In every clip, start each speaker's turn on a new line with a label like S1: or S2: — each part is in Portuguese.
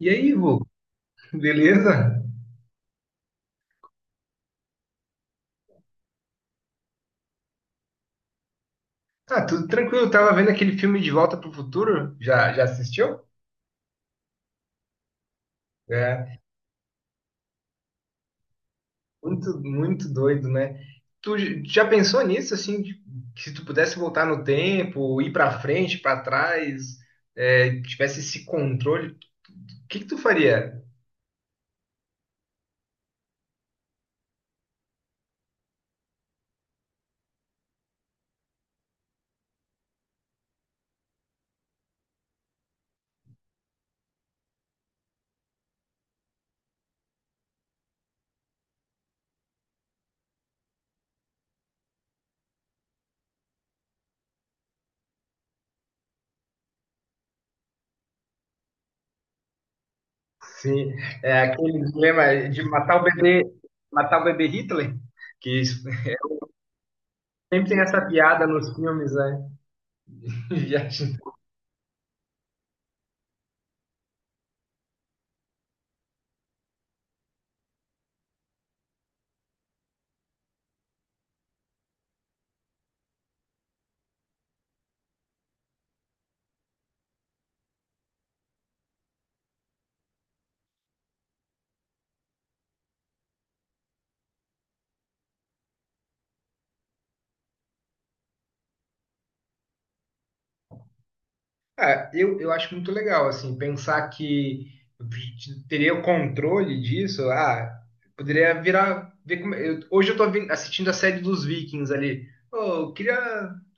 S1: E aí, Vô? Beleza? Ah, tudo tranquilo. Tava vendo aquele filme De Volta pro Futuro. Já assistiu? É, muito, muito doido, né? Tu já pensou nisso, assim, que se tu pudesse voltar no tempo, ir pra frente, pra trás, é, tivesse esse controle, o que que tu faria? Sim, é aquele dilema de matar o bebê Hitler, que isso- sempre tem essa piada nos filmes, né? Viagem. Ah, eu acho muito legal, assim, pensar que eu teria o controle disso, ah, poderia virar, ver como, hoje eu tô assistindo a série dos Vikings ali, oh, eu queria,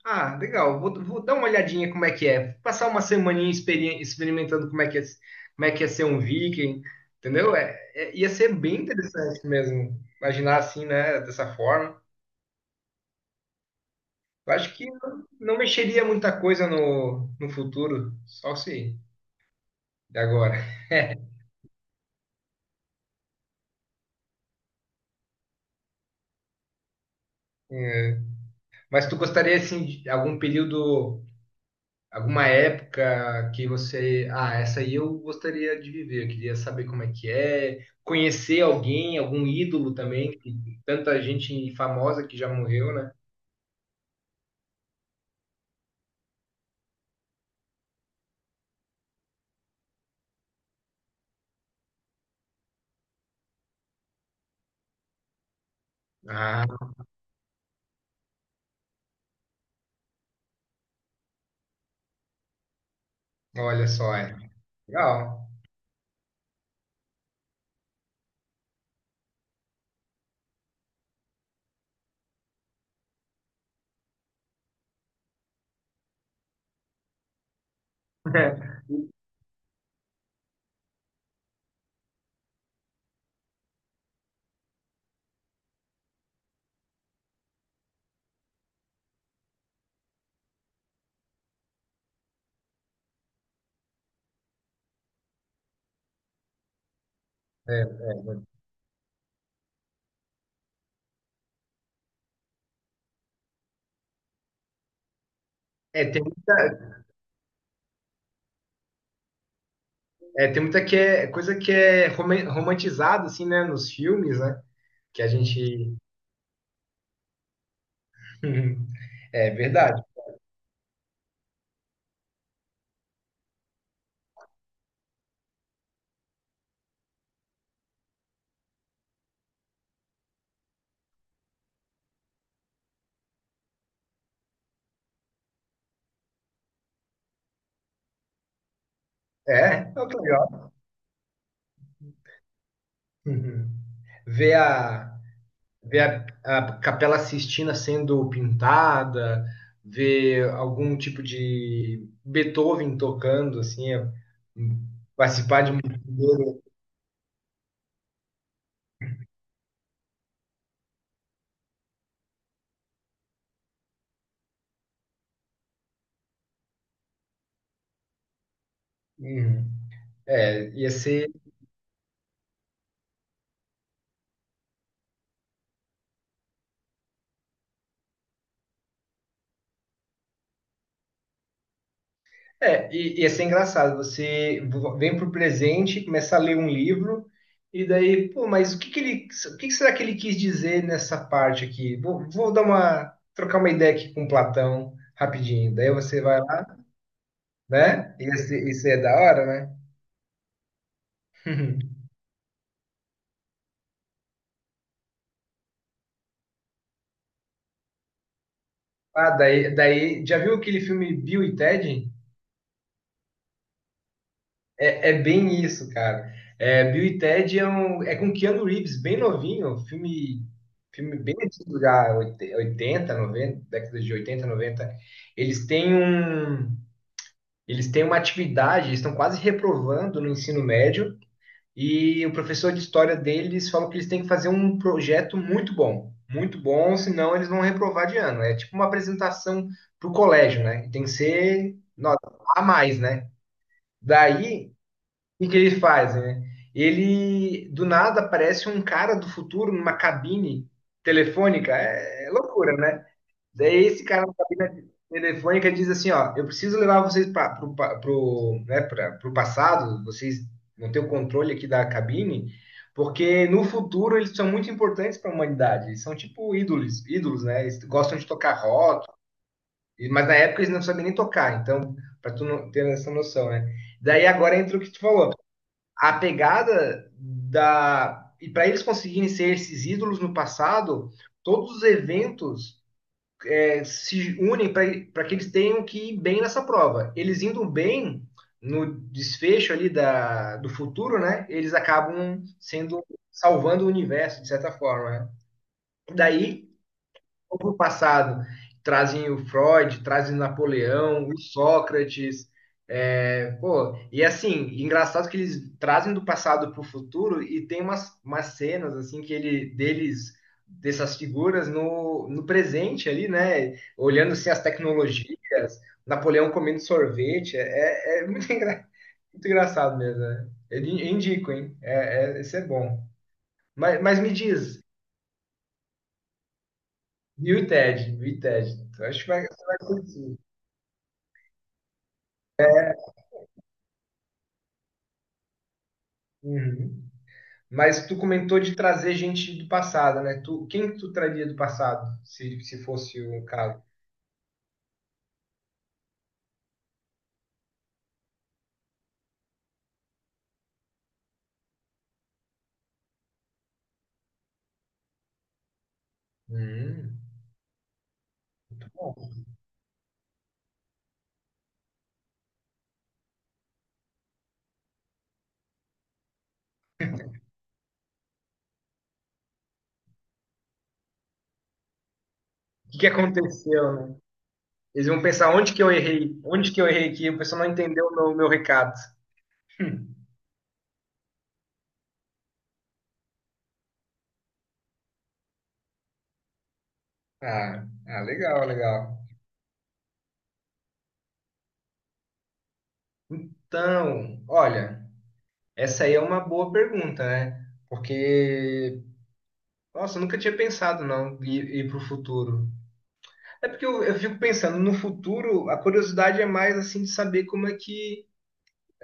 S1: ah, legal, vou dar uma olhadinha como é que é, passar uma semaninha experimentando como é que é, como é que é ser um Viking, entendeu? É, ia ser bem interessante mesmo, imaginar assim, né, dessa forma. Eu acho que não mexeria muita coisa no futuro, só se de agora. Mas tu gostaria, assim, de algum período, alguma época que você. Ah, essa aí eu gostaria de viver, eu queria saber como é que é, conhecer alguém, algum ídolo também, que tanta gente famosa que já morreu, né? Ah, olha só, é. Legal. É, é, É, tem muita que é, coisa que é romantizada, assim, né, nos filmes, né? Que a gente. É verdade. É, é o que é legal. Ver a. ver a Capela Sistina sendo pintada, ver algum tipo de Beethoven tocando, assim, é, participar de um. Uhum. É, ia ser, ia ser engraçado. Você vem pro presente, começa a ler um livro, e daí, pô, mas o que que será que ele quis dizer nessa parte aqui? Vou trocar uma ideia aqui com Platão rapidinho. Daí você vai lá, né? Isso é da hora, né? Ah, daí, já viu aquele filme Bill e Ted? É bem isso, cara. É, Bill e Ted é, um, é com Keanu Reeves, bem novinho, um filme bem antigo já, 80 90 décadas de 80 90. Eles têm um, eles têm uma atividade, eles estão quase reprovando no ensino médio. E o professor de história deles falou que eles têm que fazer um projeto muito bom, senão eles vão reprovar de ano. É tipo uma apresentação para o colégio, né? Tem que ser nota a mais, né? Daí, o que que ele faz, né? Ele, do nada, aparece um cara do futuro numa cabine telefônica. É, é loucura, né? Daí esse cara na cabina telefônica diz assim, ó, eu preciso levar vocês para pro, pa- pro, né, pra, pro passado, vocês não têm o controle aqui da cabine, porque no futuro eles são muito importantes para a humanidade, eles são tipo ídolos, ídolos, né? Eles gostam de tocar rock, mas na época eles não sabiam nem tocar, então, para tu não ter essa noção, né? Daí agora entra o que tu falou, a pegada da... E para eles conseguirem ser esses ídolos no passado, todos os eventos se unem para que eles tenham que ir bem nessa prova. Eles indo bem no desfecho ali do futuro, né? Eles acabam sendo salvando o universo de certa forma. Né? Daí vão para o passado, trazem o Freud, trazem Napoleão, o Sócrates. É, pô, e assim, engraçado que eles trazem do passado para o futuro e tem umas, cenas assim que ele deles dessas figuras no presente ali, né? Olhando assim as tecnologias, Napoleão comendo sorvete, é, é muito, muito engraçado mesmo. Né? Eu indico, hein? É, esse é bom. Mas me diz, e o Ted? E o Ted? Eu acho que vai, você vai curtir. Uhum. Mas tu comentou de trazer gente do passado, né? Quem que tu traria do passado, se fosse o caso? Hum, muito bom. O que que aconteceu, né? Eles vão pensar onde que eu errei, onde que eu errei aqui, o pessoal não entendeu o meu recado. Ah, ah, legal, legal. Então, olha, essa aí é uma boa pergunta, né? Porque, nossa, eu nunca tinha pensado não ir para o futuro. É porque eu fico pensando, no futuro, a curiosidade é mais assim de saber como é que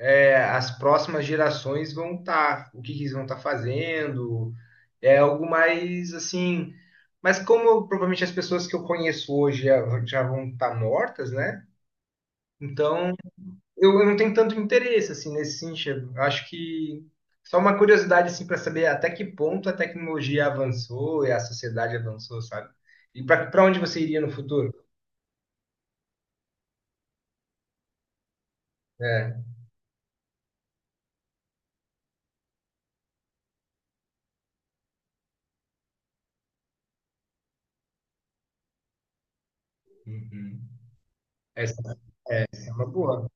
S1: é, as próximas gerações vão estar, o que que eles vão estar fazendo. É algo mais assim. Mas como provavelmente as pessoas que eu conheço hoje já, já vão estar mortas, né? Então eu não tenho tanto interesse assim nesse sentido. Eu acho que só uma curiosidade assim para saber até que ponto a tecnologia avançou e a sociedade avançou, sabe? E para onde você iria no futuro? É. Uhum. Essa é uma boa.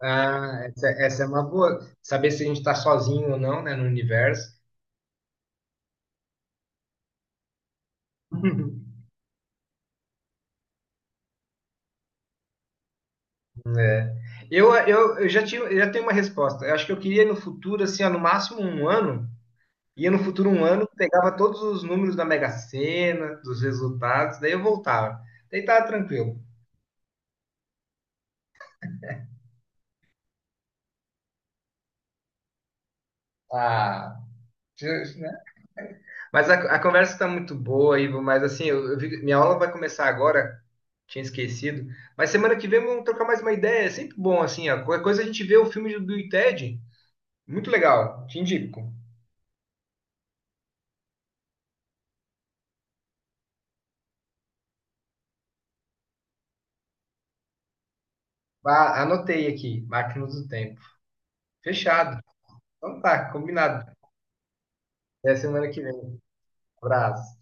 S1: Ah, essa é uma boa. Saber se a gente está sozinho ou não, né, no universo. É. Eu já tenho uma resposta. Eu acho que eu queria no futuro, assim, ó, no máximo um ano. Ia no futuro um ano, pegava todos os números da Mega Sena, dos resultados, daí eu voltava. Daí tava tranquilo. Ah, mas a conversa está muito boa, Ivo, mas assim, minha aula vai começar agora, tinha esquecido. Mas semana que vem vamos trocar mais uma ideia, é sempre bom, assim, ó, qualquer coisa a gente vê o filme do Bill e Ted, muito legal, te indico. Ah, anotei aqui, Máquinas do Tempo. Fechado. Então tá, combinado. Até semana que vem. Abraço.